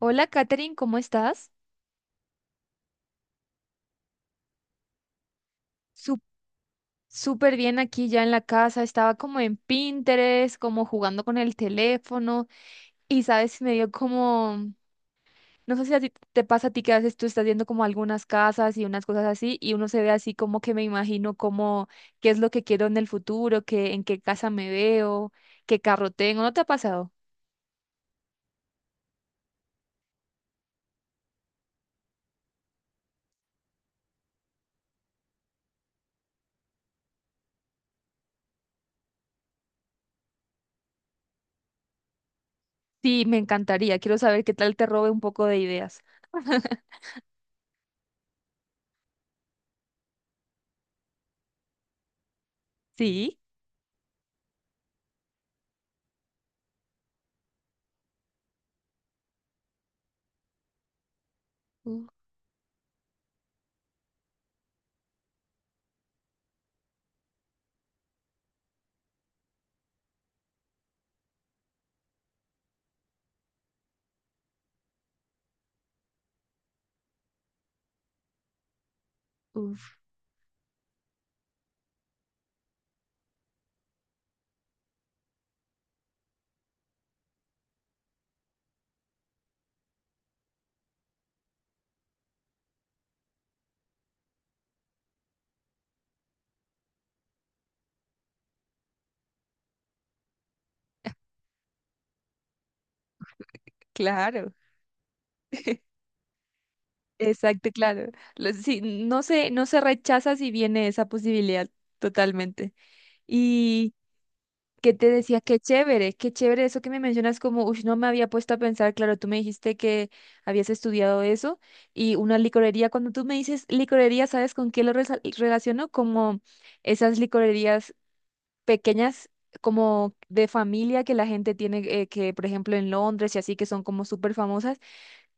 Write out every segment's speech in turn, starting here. Hola, Katherine, ¿cómo estás? Sup- Súper bien aquí ya en la casa. Estaba como en Pinterest, como jugando con el teléfono. Y sabes, me dio como, no sé si a ti te pasa a ti que a veces tú estás viendo como algunas casas y unas cosas así, y uno se ve así como que me imagino como qué es lo que quiero en el futuro, qué, en qué casa me veo, qué carro tengo. ¿No te ha pasado? Sí, me encantaría. Quiero saber qué tal te robe un poco de ideas. Sí. Uh, uf, claro. Exacto, claro. Sí, no se rechaza si viene esa posibilidad totalmente. Y que te decía, qué chévere eso que me mencionas como, uff, no me había puesto a pensar, claro, tú me dijiste que habías estudiado eso y una licorería, cuando tú me dices licorería, ¿sabes con qué lo relaciono? Como esas licorerías pequeñas como de familia que la gente tiene, que por ejemplo en Londres y así, que son como súper famosas,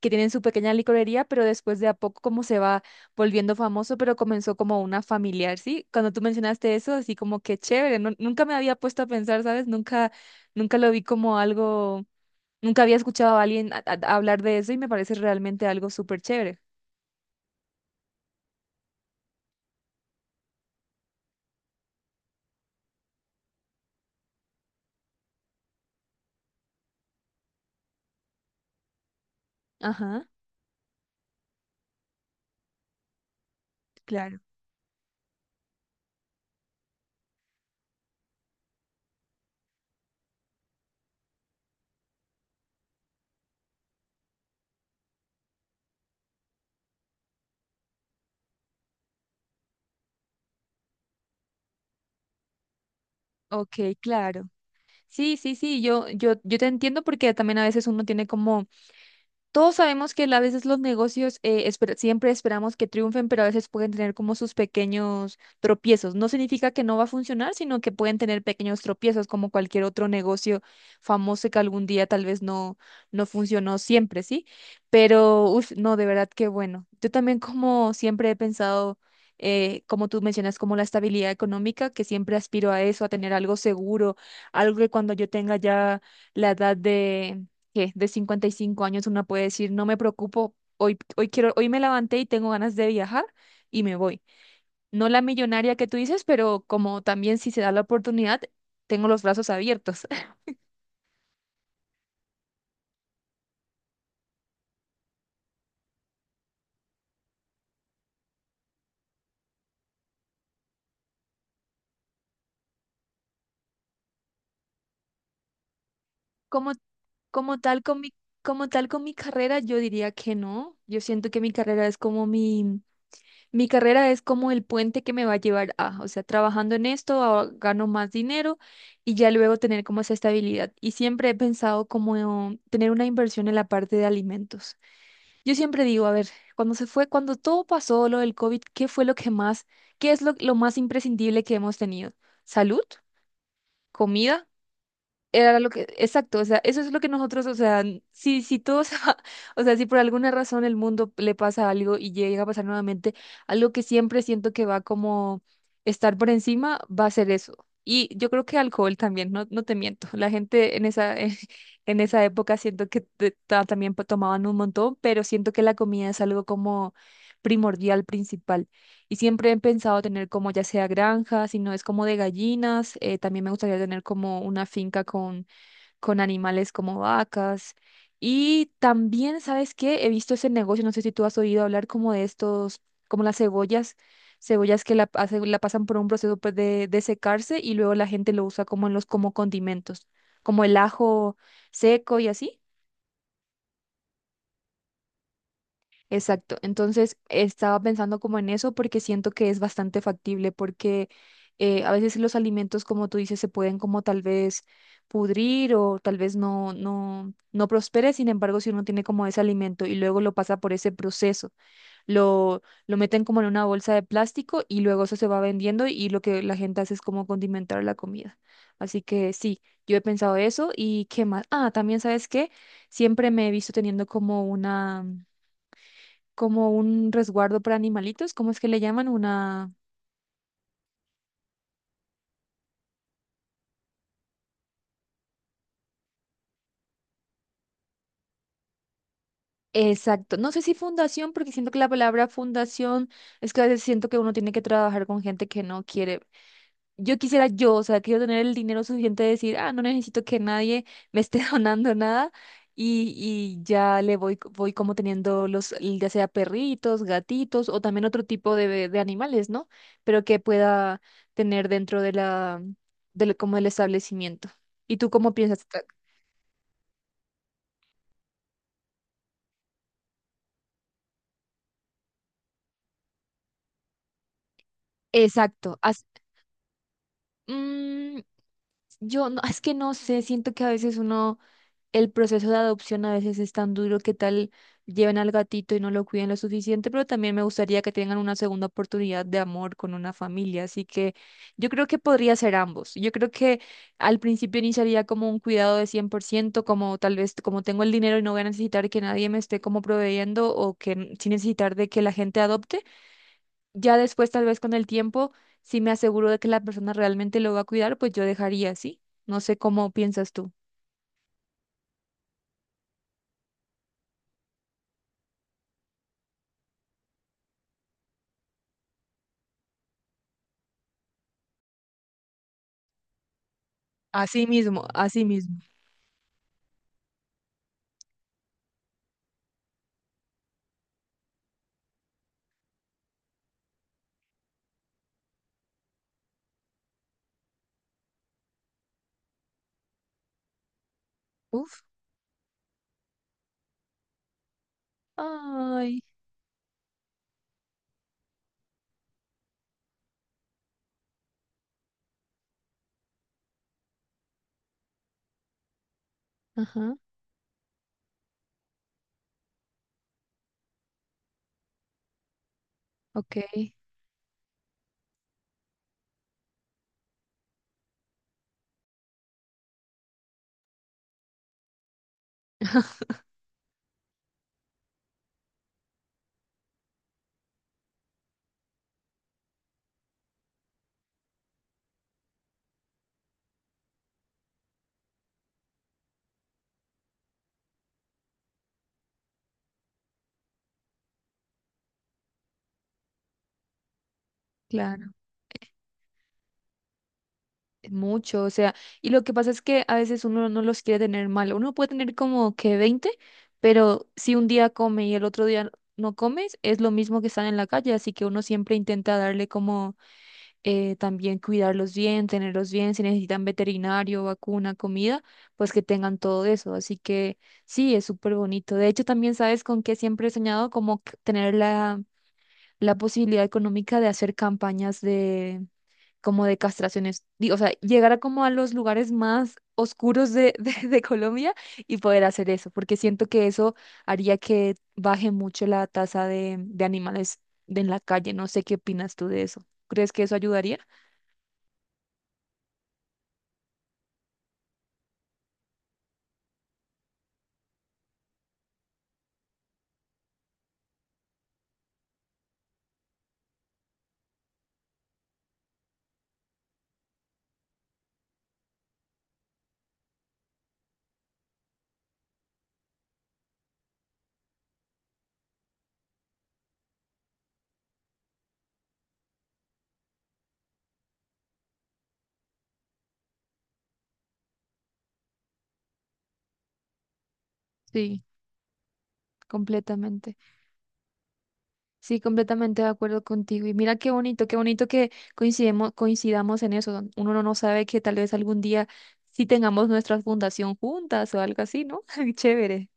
que tienen su pequeña licorería, pero después de a poco como se va volviendo famoso, pero comenzó como una familiar, ¿sí? Cuando tú mencionaste eso, así como que chévere, nunca me había puesto a pensar, ¿sabes? Nunca, nunca lo vi como algo, nunca había escuchado a alguien hablar de eso y me parece realmente algo súper chévere. Ajá. Claro. Ok, claro. Sí, sí, sí, yo te entiendo porque también a veces uno tiene como todos sabemos que a veces los negocios siempre esperamos que triunfen, pero a veces pueden tener como sus pequeños tropiezos. No significa que no va a funcionar, sino que pueden tener pequeños tropiezos como cualquier otro negocio famoso que algún día tal vez no funcionó siempre, ¿sí? Pero, uf, no, de verdad que bueno. Yo también como siempre he pensado, como tú mencionas, como la estabilidad económica, que siempre aspiro a eso, a tener algo seguro, algo que cuando yo tenga ya la edad de que de 55 años una puede decir, no me preocupo, hoy, hoy quiero, hoy me levanté y tengo ganas de viajar y me voy. No la millonaria que tú dices, pero como también si se da la oportunidad, tengo los brazos abiertos. Como, como tal con mi, como tal con mi carrera, yo diría que no. Yo siento que mi carrera es como mi carrera es como el puente que me va a llevar a, o sea, trabajando en esto, gano más dinero y ya luego tener como esa estabilidad. Y siempre he pensado como tener una inversión en la parte de alimentos. Yo siempre digo, a ver, cuando se fue, cuando todo pasó, lo del COVID, ¿qué fue lo que más, qué es lo más imprescindible que hemos tenido? ¿Salud? ¿Comida? Era lo que, exacto, o sea, eso es lo que nosotros, o sea, si, si todos, o sea, si por alguna razón el mundo le pasa algo y llega a pasar nuevamente, algo que siempre siento que va como estar por encima, va a ser eso. Y yo creo que alcohol también, no te miento. La gente en esa, en esa época siento que también tomaban un montón, pero siento que la comida es algo como primordial, principal. Y siempre he pensado tener como ya sea granja, si no es como de gallinas, también me gustaría tener como una finca con animales como vacas. Y también, ¿sabes qué? He visto ese negocio, no sé si tú has oído hablar como de estos, como las cebollas, cebollas que la, la pasan por un proceso pues, de secarse y luego la gente lo usa como en los como condimentos, como el ajo seco y así. Exacto. Entonces estaba pensando como en eso porque siento que es bastante factible porque a veces los alimentos, como tú dices, se pueden como tal vez pudrir o tal vez no prospere. Sin embargo, si uno tiene como ese alimento y luego lo pasa por ese proceso, lo meten como en una bolsa de plástico y luego eso se va vendiendo y lo que la gente hace es como condimentar la comida. Así que sí, yo he pensado eso y qué más. Ah, también sabes qué, siempre me he visto teniendo como una como un resguardo para animalitos, ¿cómo es que le llaman? Una... Exacto. No sé si fundación, porque siento que la palabra fundación es que a veces siento que uno tiene que trabajar con gente que no quiere. Yo quisiera yo, o sea, quiero tener el dinero suficiente de decir, ah, no necesito que nadie me esté donando nada y ya le voy como teniendo los, ya sea perritos, gatitos o también otro tipo de animales, ¿no? Pero que pueda tener dentro de la, del, como del establecimiento. ¿Y tú cómo piensas? Exacto. Mm, yo no, es que no sé, siento que a veces uno, el proceso de adopción a veces es tan duro que tal lleven al gatito y no lo cuiden lo suficiente, pero también me gustaría que tengan una segunda oportunidad de amor con una familia. Así que yo creo que podría ser ambos. Yo creo que al principio iniciaría como un cuidado de 100%, como tal vez como tengo el dinero y no voy a necesitar que nadie me esté como proveyendo o que sin necesitar de que la gente adopte. Ya después, tal vez con el tiempo, si me aseguro de que la persona realmente lo va a cuidar, pues yo dejaría sí. No sé cómo piensas tú. Así mismo, así mismo. Uf. Ay. Ajá. Ok. Claro. Es mucho. O sea, y lo que pasa es que a veces uno no los quiere tener mal. Uno puede tener como que 20 pero si un día come y el otro día no comes, es lo mismo que estar en la calle. Así que uno siempre intenta darle como también cuidarlos bien, tenerlos bien, si necesitan veterinario, vacuna, comida, pues que tengan todo eso. Así que sí, es súper bonito. De hecho, también sabes con qué siempre he soñado, como tener la, la posibilidad económica de hacer campañas de como de castraciones, o sea, llegar a como a los lugares más oscuros de, de Colombia y poder hacer eso, porque siento que eso haría que baje mucho la tasa de animales de en la calle. No sé qué opinas tú de eso. ¿Crees que eso ayudaría? Sí, completamente. Sí, completamente de acuerdo contigo. Y mira qué bonito que coincidamos en eso. Uno no sabe que tal vez algún día sí tengamos nuestra fundación juntas o algo así, ¿no? Chévere.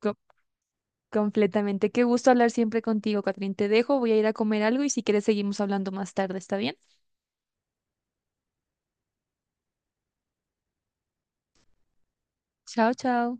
Co- completamente. Qué gusto hablar siempre contigo, Catrín. Te dejo, voy a ir a comer algo y si quieres seguimos hablando más tarde, ¿está bien? Chao, chao.